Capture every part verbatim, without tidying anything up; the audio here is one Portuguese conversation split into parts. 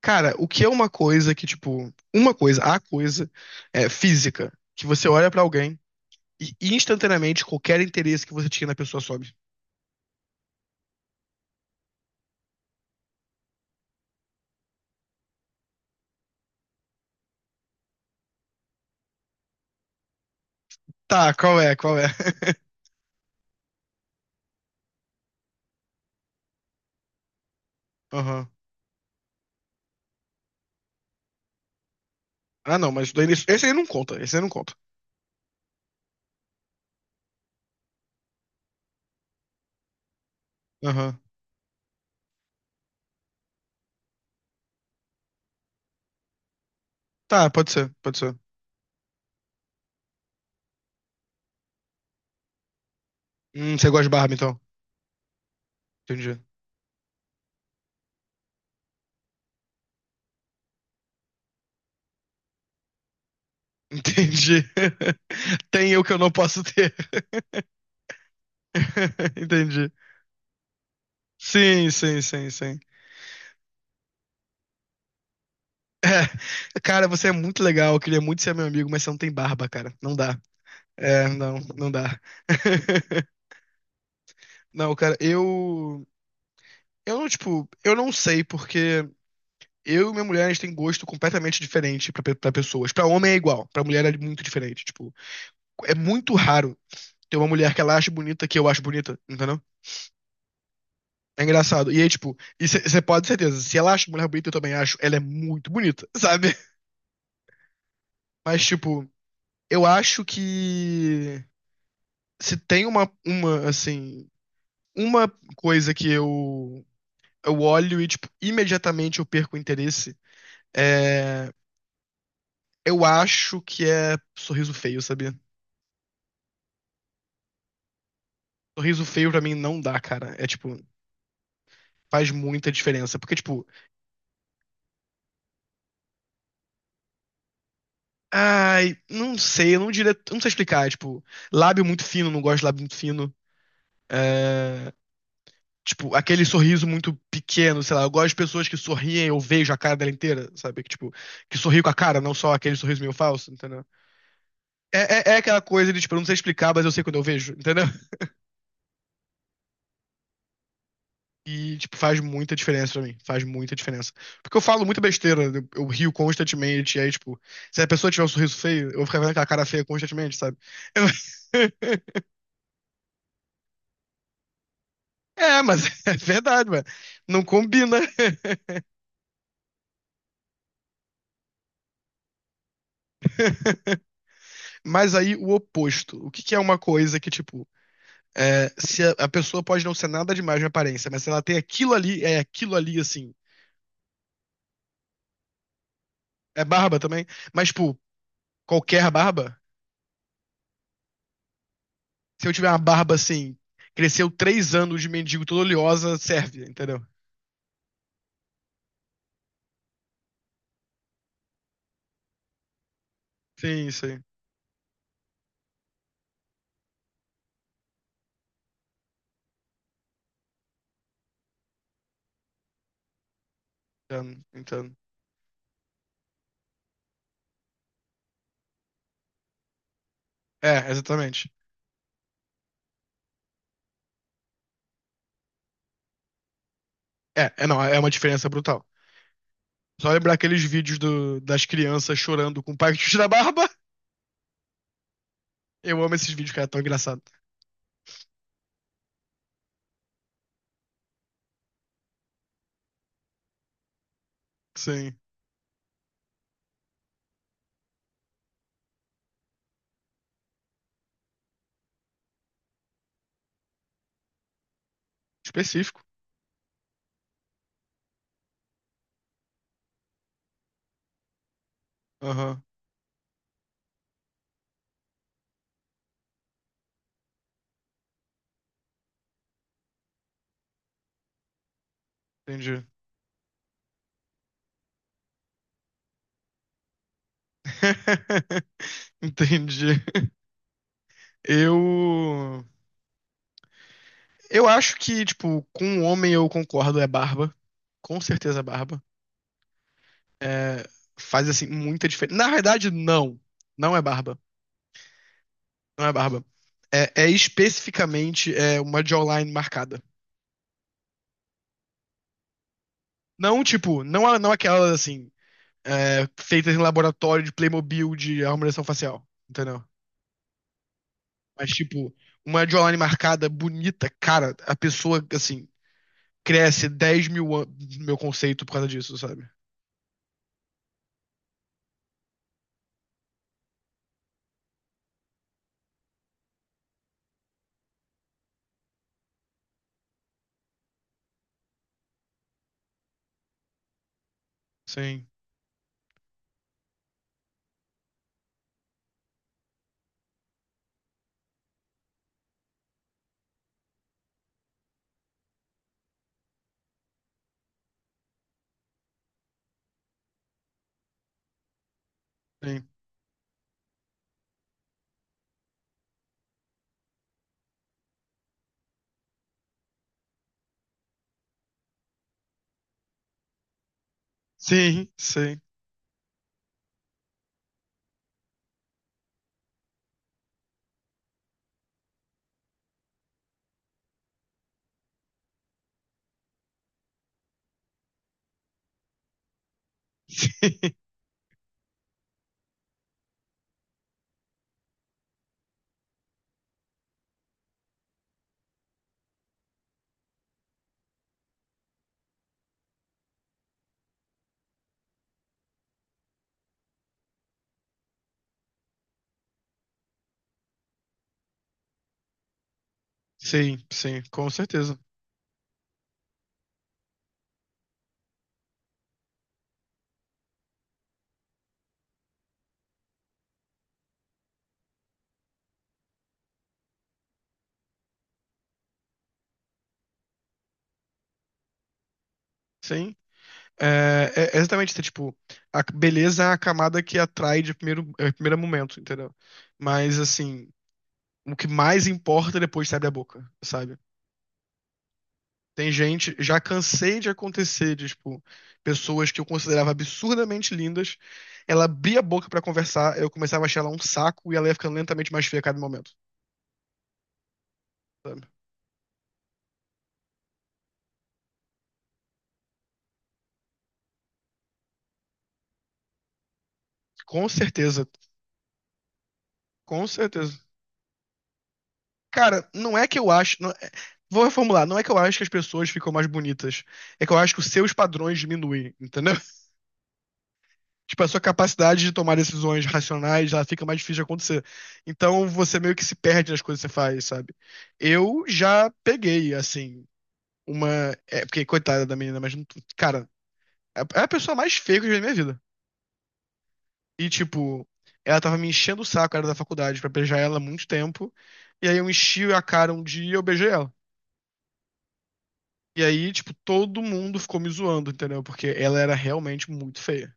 Cara, o que é uma coisa que, tipo, uma coisa, a coisa é física, que você olha pra alguém e instantaneamente qualquer interesse que você tinha na pessoa sobe. Tá, qual é? Qual é? Aham. Ah, não, mas daí isso- esse aí não conta, esse aí não conta. Aham. Tá, pode ser, pode ser. Hum, você gosta de barba, então? Entendi. Entendi. Tem eu que eu não posso ter. Entendi. Sim, sim, sim, sim. É, cara, você é muito legal, eu queria muito ser meu amigo, mas você não tem barba, cara. Não dá. É, não, não dá. Não, cara, eu. Eu não, tipo, eu não sei, porque eu e minha mulher, a gente tem gosto completamente diferente pra, pe- pra pessoas. Pra homem é igual, pra mulher é muito diferente. Tipo, é muito raro ter uma mulher que ela acha bonita que eu acho bonita, entendeu? É engraçado. E aí, tipo, você pode ter certeza, se ela acha mulher bonita, eu também acho, ela é muito bonita, sabe? Mas, tipo, eu acho que se tem uma, uma, assim, uma coisa que eu eu olho e, tipo, imediatamente eu perco o interesse. É, eu acho que é sorriso feio, sabia? Sorriso feio pra mim não dá, cara. É tipo, faz muita diferença. Porque, tipo, ai, não sei, eu não diria, eu não sei explicar. É, tipo, lábio muito fino, não gosto de lábio muito fino. É, tipo, aquele sorriso muito pequeno, sei lá. Eu gosto de pessoas que sorriem, eu vejo a cara dela inteira, sabe? Que, tipo, que sorri com a cara, não só aquele sorriso meio falso, entendeu? É, é, é aquela coisa de, tipo, eu não sei explicar, mas eu sei quando eu vejo, entendeu? E, tipo, faz muita diferença pra mim. Faz muita diferença. Porque eu falo muita besteira, eu, eu rio constantemente, e aí, tipo, se a pessoa tiver um sorriso feio, eu vou ficar vendo aquela cara feia constantemente, sabe? Eu- É, mas é verdade, mano. Não combina. Mas aí, o oposto. O que que é uma coisa que, tipo, é, se a, a pessoa pode não ser nada demais na aparência, mas se ela tem aquilo ali, é aquilo ali, assim. É barba também, mas, tipo, qualquer barba. Se eu tiver uma barba assim, cresceu três anos de mendigo toda oleosa, serve, entendeu? Sim, sim. Entendo, entendo. É, exatamente. É, é não, é uma diferença brutal. Só lembrar aqueles vídeos do- das crianças chorando com o pai que tira a barba. Eu amo esses vídeos, cara, é tão engraçado. Sim. Específico. Aham, entendi. Entendi. Eu. Eu acho que, tipo, com um homem eu concordo, é barba. Com certeza é barba. É, faz assim muita diferença. Na verdade, não. Não é barba. Não é barba. É, é especificamente é, uma jawline marcada. Não, tipo, não, a- não aquelas assim, é, feitas em laboratório de Playmobil de harmonização facial. Entendeu? Mas, tipo, uma jawline marcada, bonita, cara, a pessoa, assim, cresce dez mil anos, meu conceito, por causa disso, sabe? Sim, sim. Sim, sim. Sim, sim, com certeza. Sim. É, é é exatamente isso, é tipo, a beleza é a camada que atrai de primeiro, é, primeiro momento, entendeu? Mas, assim, o que mais importa depois que abre a boca, sabe? Tem gente, já cansei de acontecer, de, tipo, pessoas que eu considerava absurdamente lindas, ela abria a boca pra conversar, eu começava a achar ela um saco e ela ia ficando lentamente mais feia a cada momento, sabe? Com certeza, com certeza. Cara, não é que eu acho. Não- é, vou reformular. Não é que eu acho que as pessoas ficam mais bonitas. É que eu acho que os seus padrões diminuem, entendeu? Tipo, a sua capacidade de tomar decisões racionais, ela fica mais difícil de acontecer. Então, você meio que se perde nas coisas que você faz, sabe? Eu já peguei, assim, uma. É, porque, coitada da menina, mas. não- Cara, é é a pessoa mais feia que eu já vi na minha vida. E, tipo, ela tava me enchendo o saco, era da faculdade, pra beijar ela há muito tempo. E aí eu enchi a cara um dia e eu beijei ela. E aí, tipo, todo mundo ficou me zoando, entendeu? Porque ela era realmente muito feia.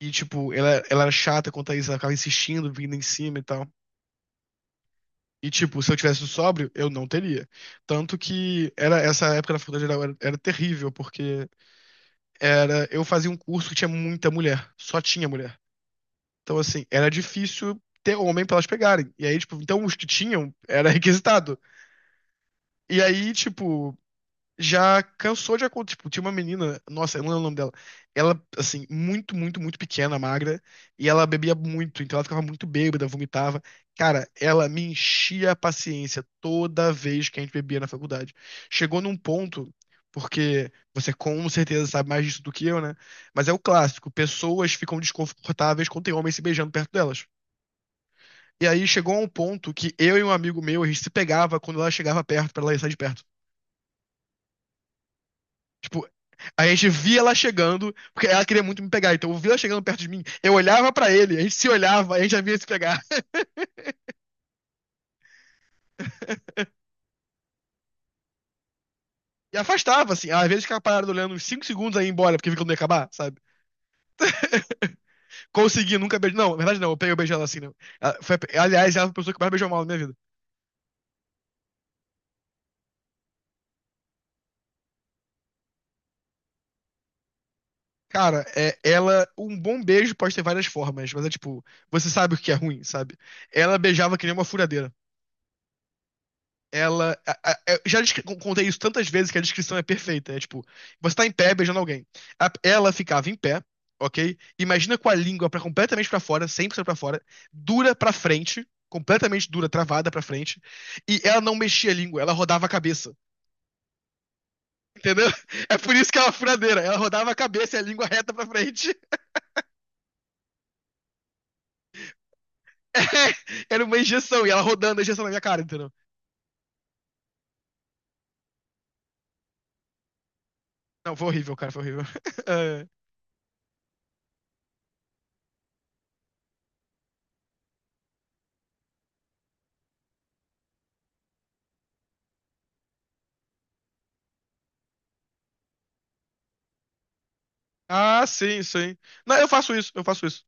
E, tipo, ela, ela era chata quanto a isso, ela ficava insistindo, vindo em cima e tal. E, tipo, se eu tivesse um sóbrio, eu não teria. Tanto que era essa época da faculdade geral era, era terrível, porque era eu fazia um curso que tinha muita mulher, só tinha mulher. Então, assim, era difícil ter homem pra elas pegarem. E aí, tipo, então os que tinham era requisitado. E aí, tipo, já cansou de acontecer. Tipo, tinha uma menina, nossa, eu não lembro o nome dela. Ela, assim, muito, muito, muito pequena, magra, e ela bebia muito, então ela ficava muito bêbada, vomitava. Cara, ela me enchia a paciência toda vez que a gente bebia na faculdade. Chegou num ponto, porque você com certeza sabe mais disso do que eu, né? Mas é o clássico, pessoas ficam desconfortáveis quando tem homem se beijando perto delas. E aí chegou a um ponto que eu e um amigo meu, a gente se pegava quando ela chegava perto, pra ela sair de perto. Tipo, a gente via ela chegando, porque ela queria muito me pegar. Então eu via ela chegando perto de mim, eu olhava pra ele, a gente se olhava, a gente já via se pegar. E afastava, assim. Às vezes ficava parado olhando uns cinco segundos aí embora, porque vi que não ia acabar, sabe? Consegui, nunca beijei. Não, na verdade não, eu peguei eu beijei ela assim, né? Ela foi a- aliás, ela foi a pessoa que mais beijou mal na minha vida. Cara, é, ela. Um bom beijo pode ter várias formas, mas é tipo, você sabe o que é ruim, sabe? Ela beijava que nem uma furadeira. Ela. A- a- eu já descre- contei isso tantas vezes que a descrição é perfeita. É tipo, você tá em pé beijando alguém. A- ela ficava em pé, ok? Imagina com a língua pra, completamente pra fora, cem por cento pra fora, dura pra frente, completamente dura, travada pra frente, e ela não mexia a língua, ela rodava a cabeça, entendeu? É por isso que ela é uma furadeira, ela rodava a cabeça e a língua reta pra frente. Era uma injeção, e ela rodando a injeção na minha cara, entendeu? Não, foi horrível, cara, foi horrível. É. Ah, sim, sim. Não, eu faço isso, eu faço isso.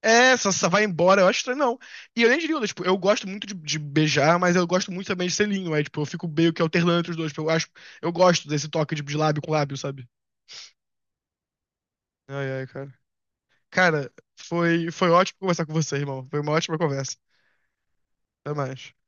É, só, só vai embora, eu acho estranho, não. E eu nem diria, tipo, eu gosto muito de, de beijar, mas eu gosto muito também de selinho, aí, tipo, eu fico meio que alternando entre os dois, tipo, eu acho, eu gosto desse toque de, de lábio com lábio, sabe? Ai, ai, cara. Cara, foi, foi ótimo conversar com você, irmão. Foi uma ótima conversa. Até mais.